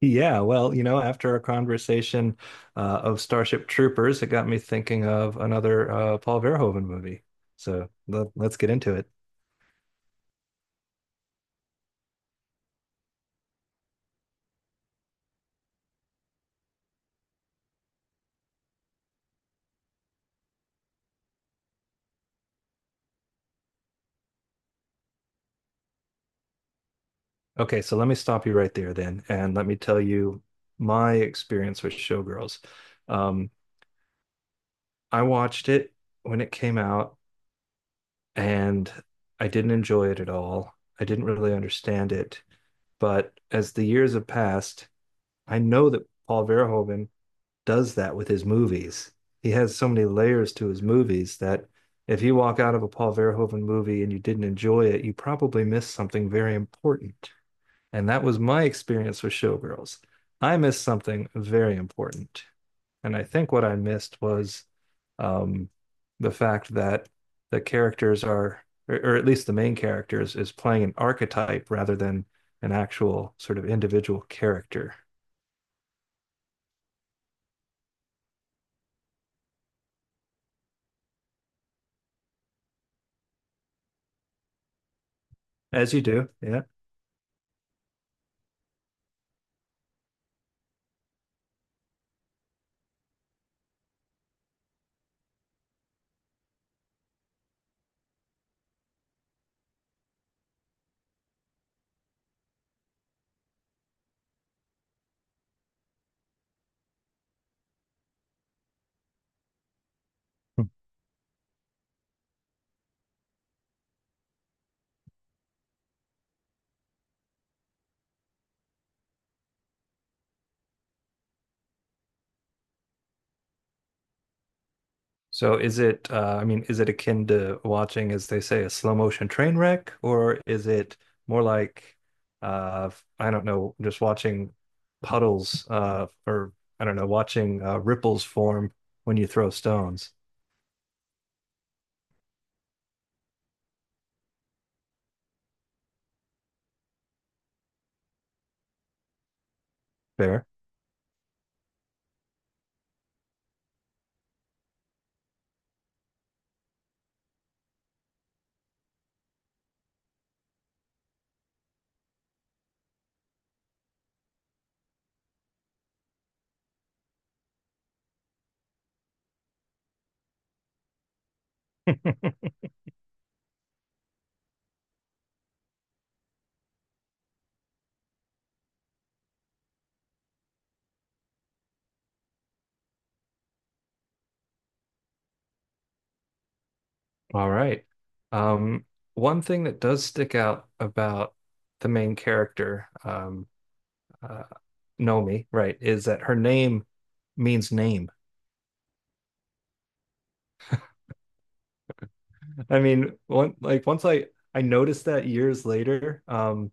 Yeah, well, you know, after our conversation of Starship Troopers, it got me thinking of another Paul Verhoeven movie. So let's get into it. Okay, so let me stop you right there then, and let me tell you my experience with Showgirls. Um, I watched it when it came out, and I didn't enjoy it at all. I didn't really understand it, but as the years have passed, I know that Paul Verhoeven does that with his movies. He has so many layers to his movies that if you walk out of a Paul Verhoeven movie and you didn't enjoy it, you probably missed something very important. And that was my experience with Showgirls. I missed something very important. And I think what I missed was um, the fact that the characters are, or at least the main characters, is playing an archetype rather than an actual sort of individual character. As you do, yeah. So is it, I mean, is it akin to watching, as they say, a slow motion train wreck, or is it more like, uh, I don't know, just watching puddles, or I don't know, watching ripples form when you throw stones? Fair. All right. Um, one thing that does stick out about the main character, uh, Nomi, right, is that her name means name. I mean, one like once I noticed that years later,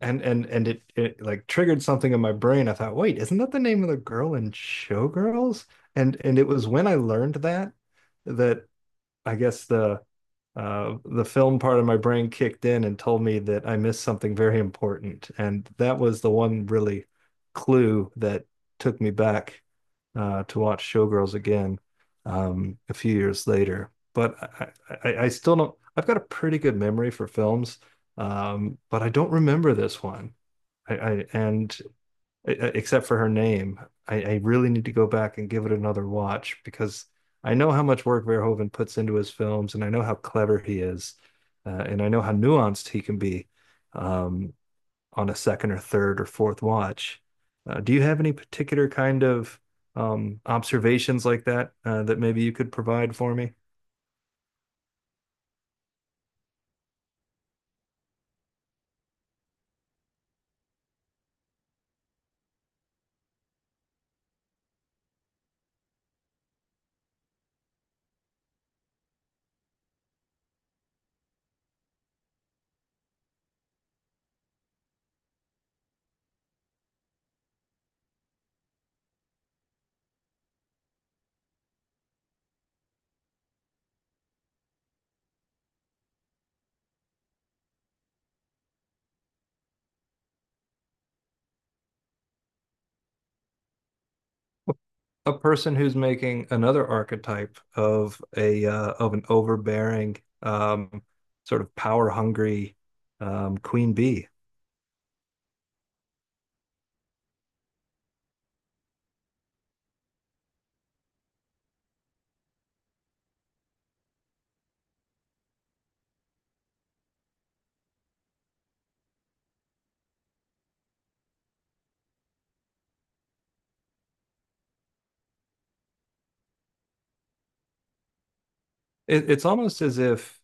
and it it like triggered something in my brain. I thought, wait, isn't that the name of the girl in Showgirls? And it was when I learned that that I guess the film part of my brain kicked in and told me that I missed something very important, and that was the one really clue that took me back to watch Showgirls again a few years later. But I still don't. I've got a pretty good memory for films, but I don't remember this one. I and e, e, except for her name. I really need to go back and give it another watch because I know how much work Verhoeven puts into his films, and I know how clever he is, and I know how nuanced he can be um, on a second or third or fourth watch. Do you have any particular kind of observations like that that maybe you could provide for me? A person who's making another archetype of a of an overbearing, sort of power hungry queen bee. It's almost as if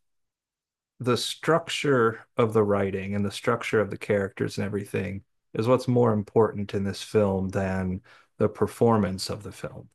the structure of the writing and the structure of the characters and everything is what's more important in this film than the performance of the film.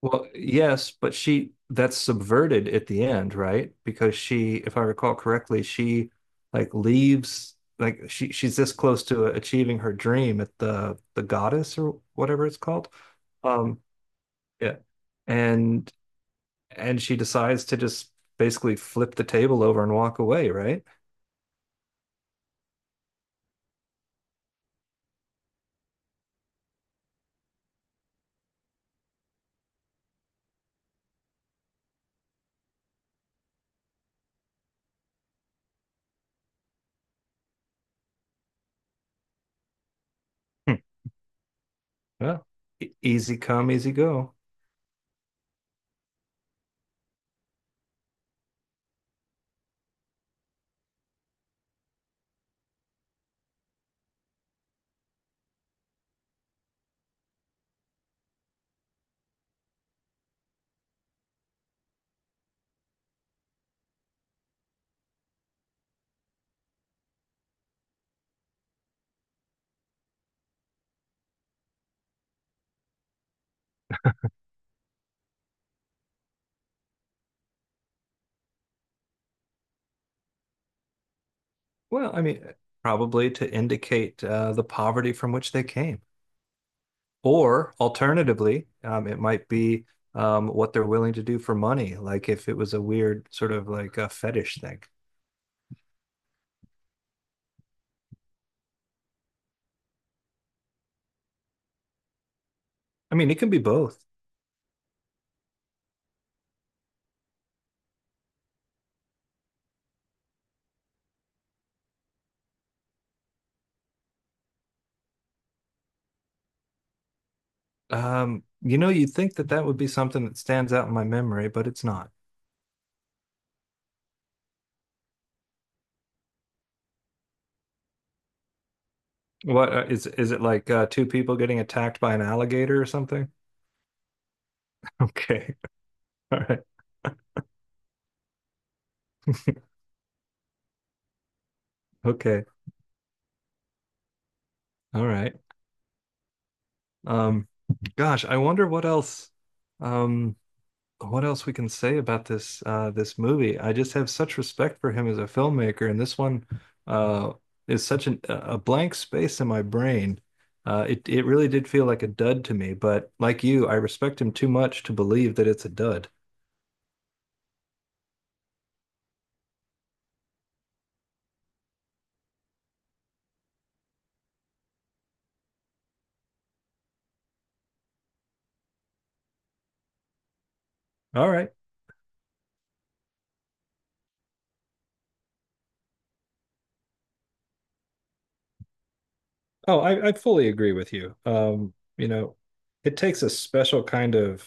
Well, yes, but she that's subverted at the end, right? Because she, if I recall correctly, she like leaves like she's this close to achieving her dream at the goddess or whatever it's called. Um, yeah. And and she decides to just basically flip the table over and walk away, right? Hmm. Yeah. E- easy come, easy go. Well, I mean, probably to indicate the poverty from which they came. Or alternatively, it might be what they're willing to do for money, like if it was a weird sort of like a fetish thing. I mean, it can be both. You know, you'd think that that would be something that stands out in my memory, but it's not. What is it like two people getting attacked by an alligator or something? Okay. All right. Okay. All right. Um, gosh, I wonder um, what else we can say about this this movie. I just have such respect for him as a filmmaker, and this one uh, is such a blank space in my brain. It really did feel like a dud to me, but like you, I respect him too much to believe that it's a dud. All right. Oh, I fully agree with you. You know, it takes a special kind of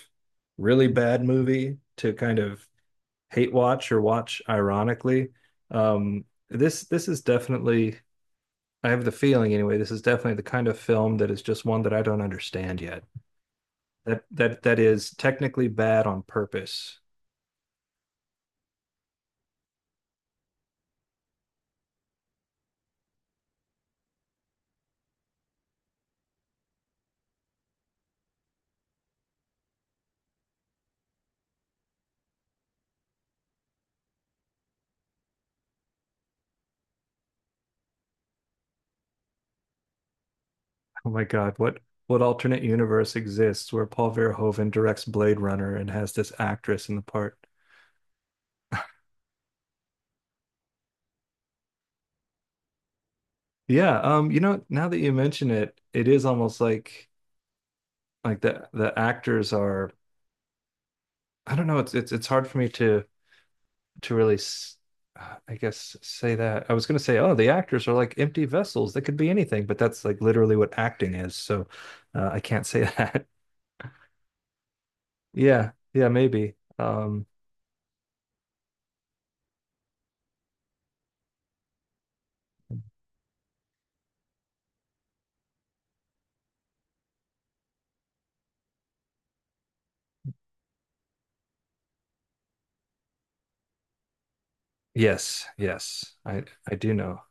really bad movie to kind of hate watch or watch ironically. Um, this is definitely I have the feeling anyway, this is definitely the kind of film that is just one that I don't understand yet. That is technically bad on purpose. Oh my God, what alternate universe exists where Paul Verhoeven directs Blade Runner and has this actress in the part? Yeah, you know, now that you mention it, it is almost like the actors are I don't know, it's hard for me to really, I guess, say that. I was going to say, oh, the actors are like empty vessels. They could be anything, but that's like literally what acting is. So I can't say that. Yeah, yeah, maybe. Yes, yes, I do know.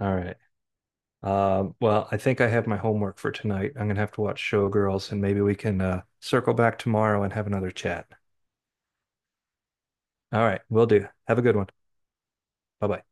All right. Well, I think I have my homework for tonight. I'm gonna have to watch Showgirls, and maybe we can circle back tomorrow and have another chat. All right, will do. Have a good one. Bye bye.